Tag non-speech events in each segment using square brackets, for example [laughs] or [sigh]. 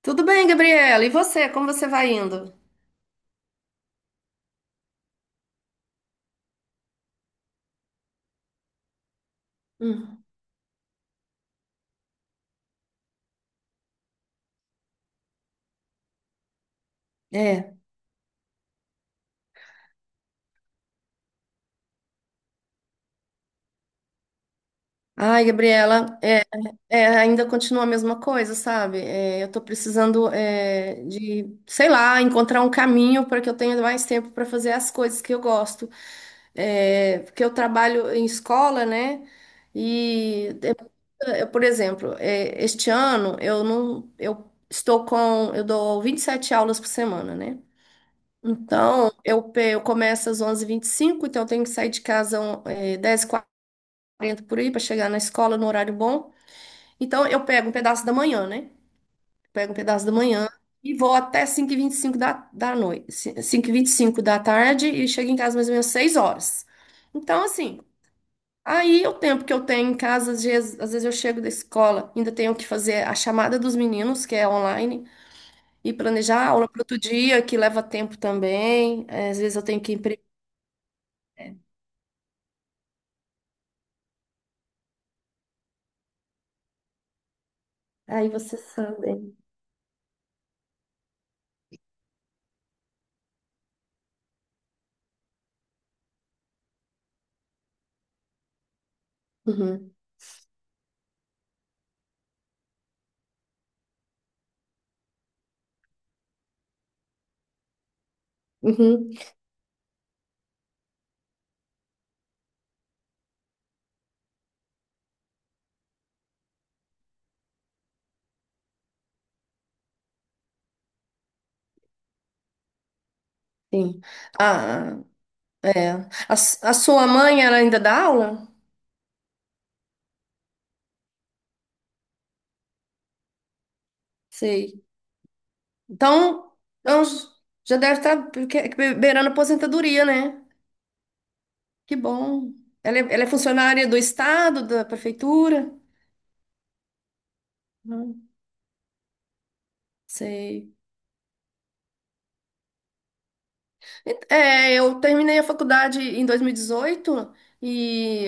Tudo bem, Gabriela? E você? Como você vai indo? Hum. É. Ai, Gabriela, ainda continua a mesma coisa, sabe? Eu tô precisando, de, sei lá, encontrar um caminho para que eu tenha mais tempo para fazer as coisas que eu gosto. Porque eu trabalho em escola, né? E, eu, por exemplo, este ano eu não, eu estou com, eu dou 27 aulas por semana, né? Então, eu começo às 11:25, então eu tenho que sair de casa um, 10h40 por aí para chegar na escola no horário bom. Então, eu pego um pedaço da manhã, né? Pego um pedaço da manhã e vou até 5:25 da noite. 5:25 da tarde e chego em casa mais ou menos 6 horas. Então, assim, aí o tempo que eu tenho em casa, às vezes eu chego da escola, ainda tenho que fazer a chamada dos meninos, que é online, e planejar a aula para outro dia, que leva tempo também. Às vezes eu tenho que... Aí você sabe. Uhum. Uhum. Sim. Ah, é. A sua mãe, ela ainda dá aula? Sei. Então, então já deve estar beirando a aposentadoria, né? Que bom. Ela é funcionária do estado, da prefeitura? Não sei. É, eu terminei a faculdade em 2018 e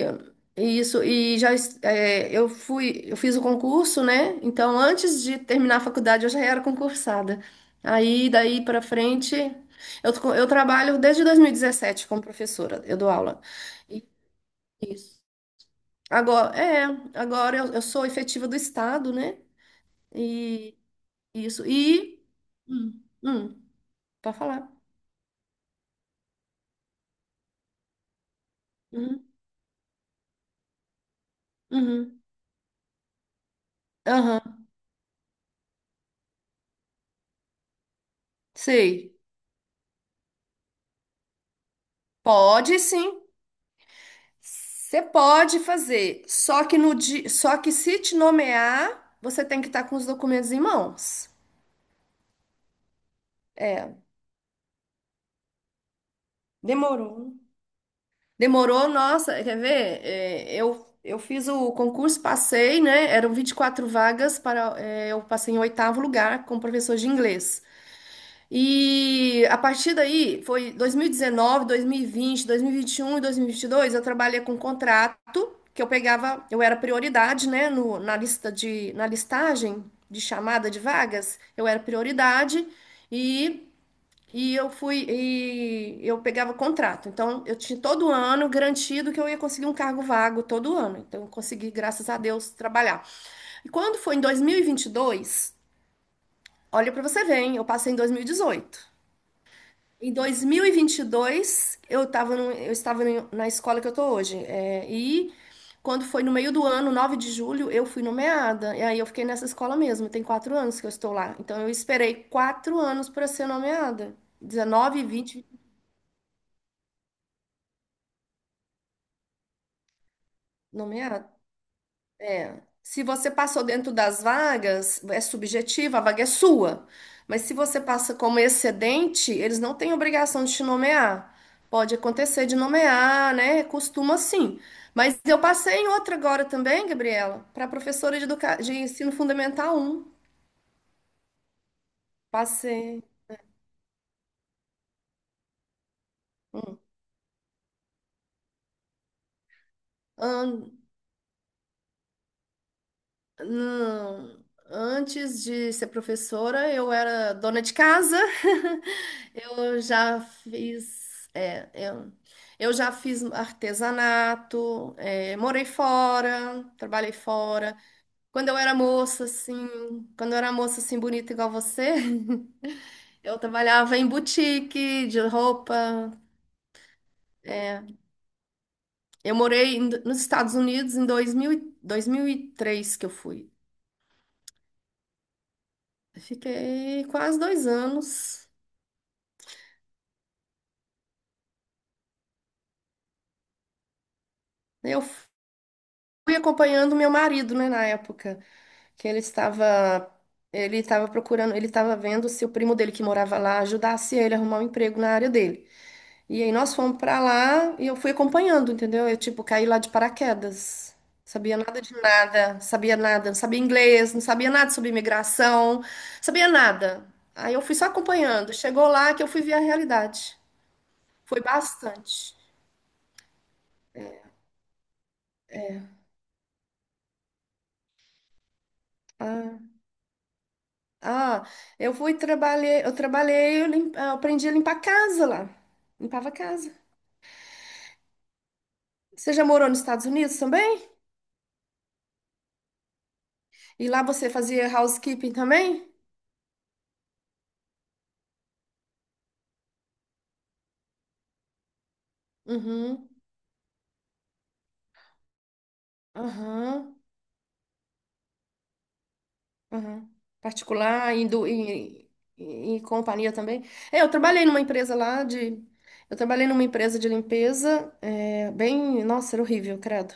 e isso e eu fui eu fiz o concurso, né? Então antes de terminar a faculdade eu já era concursada. Aí daí para frente eu trabalho desde 2017 como professora, eu dou aula. E-. Isso. Agora é, agora eu sou efetiva do estado, né? E isso e hum, hum, para falar. Uhum, uhum, aham, sei. Pode sim. Você pode fazer, só que no di... só que se te nomear, você tem que estar com os documentos em mãos. Demorou. Demorou, nossa, quer ver? Eu fiz o concurso, passei, né? Eram 24 vagas para, eu passei em oitavo lugar como professor de inglês. E a partir daí, foi 2019, 2020, 2021 e 2022, eu trabalhei com contrato, que eu pegava, eu era prioridade, né, na lista de, na listagem de chamada de vagas, eu era prioridade e, e eu fui, e eu pegava contrato. Então, eu tinha todo ano garantido que eu ia conseguir um cargo vago todo ano. Então, eu consegui, graças a Deus, trabalhar. E quando foi em 2022, olha para você ver, hein, eu passei em 2018. Em 2022, eu estava na escola que eu tô hoje. É, e quando foi no meio do ano, 9 de julho, eu fui nomeada. E aí eu fiquei nessa escola mesmo. Tem 4 anos que eu estou lá. Então eu esperei 4 anos para ser nomeada. 19, 20, nomeada. Se você passou dentro das vagas, é subjetiva, a vaga é sua. Mas se você passa como excedente, eles não têm obrigação de te nomear. Pode acontecer de nomear, né? Costuma sim. Mas eu passei em outra agora também, Gabriela, para professora de, educa... de ensino fundamental um. Passei. Hum. Não, antes de ser professora, eu era dona de casa. [laughs] Eu já fiz, é, eu, eu já fiz artesanato, morei fora, trabalhei fora. Quando eu era moça, assim, quando eu era moça, assim, bonita igual você, [laughs] eu trabalhava em boutique de roupa. Nos Estados Unidos em 2003 que eu fui. Fiquei quase 2 anos. Eu fui acompanhando meu marido, né, na época, que ele estava procurando, ele estava vendo se o primo dele que morava lá ajudasse ele a arrumar um emprego na área dele. E aí nós fomos pra lá e eu fui acompanhando, entendeu? Eu tipo caí lá de paraquedas. Sabia nada de nada, sabia nada, não sabia inglês, não sabia nada sobre imigração, sabia nada. Aí eu fui só acompanhando. Chegou lá que eu fui ver a realidade. Foi bastante. Ah. Ah, eu fui trabalhar, eu trabalhei, eu, eu aprendi a limpar a casa lá. Limpava a casa. Você já morou nos Estados Unidos também? E lá você fazia housekeeping também? Uhum, aham, aham. Particular, indo, e companhia também. É, eu trabalhei numa empresa lá de. Eu trabalhei numa empresa de limpeza, é, bem. Nossa, era horrível, credo.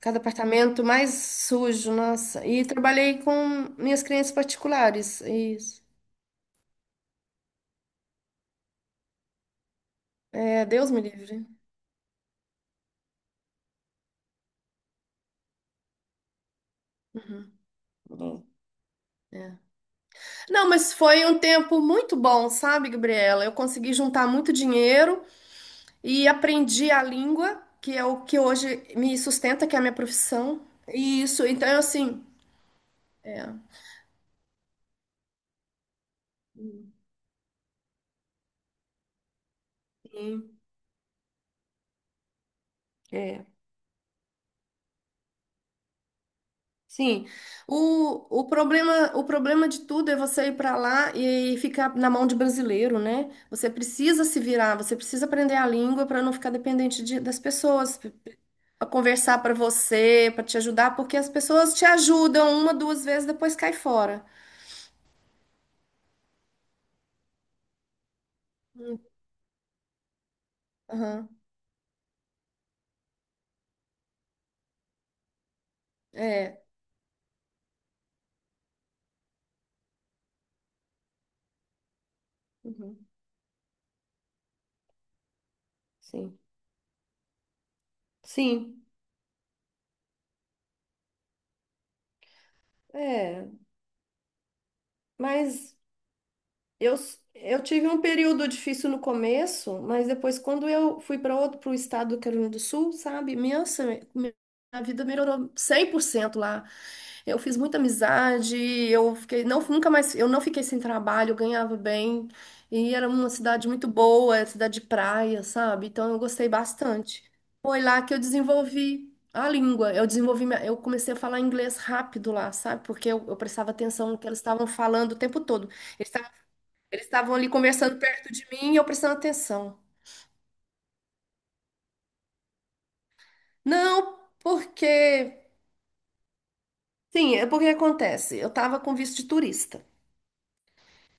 Cada apartamento mais sujo, nossa. E trabalhei com minhas clientes particulares, isso. É, Deus me livre. Não. É. Não, mas foi um tempo muito bom, sabe, Gabriela? Eu consegui juntar muito dinheiro e aprendi a língua, que é o que hoje me sustenta, que é a minha profissão. E isso, então, assim, é. Sim. É. Sim, o problema de tudo é você ir para lá e ficar na mão de brasileiro, né? Você precisa se virar, você precisa aprender a língua para não ficar dependente das pessoas, para conversar para você, para te ajudar, porque as pessoas te ajudam uma, duas vezes, depois cai fora. Hum. Aham. É. Uhum. Sim. Sim. É. Mas. Eu tive um período difícil no começo, mas depois, quando eu fui para outro, para o estado do Carolina do Sul, sabe? Minha vida melhorou 100% lá. Eu fiz muita amizade, eu fiquei, não, nunca mais, eu não fiquei sem trabalho, eu ganhava bem, e era uma cidade muito boa, era cidade de praia, sabe? Então eu gostei bastante. Foi lá que eu desenvolvi a língua, eu desenvolvi, eu comecei a falar inglês rápido lá, sabe? Porque eu prestava atenção no que eles estavam falando o tempo todo. Eles eles estavam ali conversando perto de mim e eu prestando atenção. Não, porque. Sim, é porque acontece. Eu tava com visto de turista.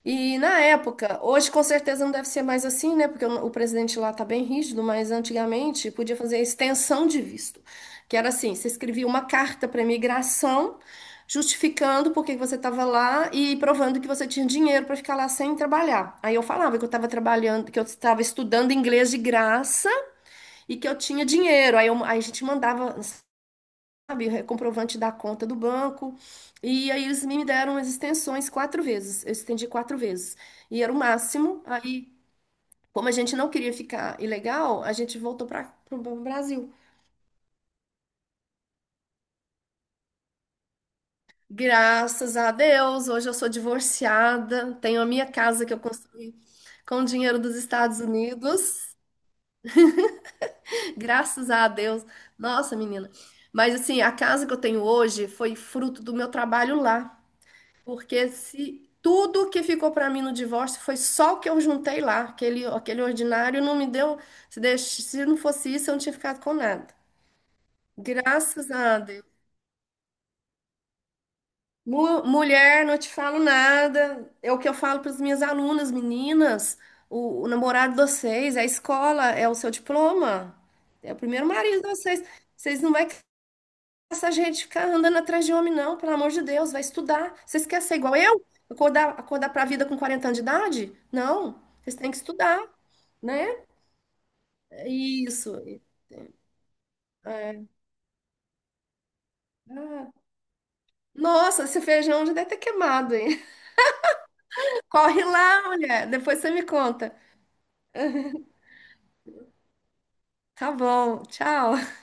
E na época, hoje com certeza não deve ser mais assim, né? Porque o presidente lá tá bem rígido, mas antigamente podia fazer a extensão de visto, que era assim: você escrevia uma carta para imigração justificando por que que você estava lá e provando que você tinha dinheiro para ficar lá sem trabalhar. Aí eu falava que eu estava trabalhando, que eu estava estudando inglês de graça. E que eu tinha dinheiro. Aí, aí a gente mandava, sabe, comprovante da conta do banco. E aí eles me deram as extensões quatro vezes. Eu estendi quatro vezes. E era o máximo. Aí, como a gente não queria ficar ilegal, a gente voltou para o Brasil. Graças a Deus, hoje eu sou divorciada, tenho a minha casa que eu construí com o dinheiro dos Estados Unidos. [laughs] Graças a Deus. Nossa, menina. Mas assim, a casa que eu tenho hoje foi fruto do meu trabalho lá. Porque se tudo que ficou para mim no divórcio foi só o que eu juntei lá, aquele ordinário não me deu, se, se não fosse isso, eu não tinha ficado com nada. Graças a Deus. Mulher, não te falo nada. É o que eu falo para as minhas alunas, meninas. O namorado de vocês, a escola é o seu diploma, é o primeiro marido de vocês. Vocês não vai essa gente ficar andando atrás de um homem, não, pelo amor de Deus, vai estudar. Vocês querem ser igual eu? Acordar, acordar para a vida com 40 anos de idade? Não, vocês têm que estudar, né? É isso. É. Ah, nossa, esse feijão já deve ter queimado, hein? [laughs] Corre lá, mulher, depois você me conta. Tá bom, tchau.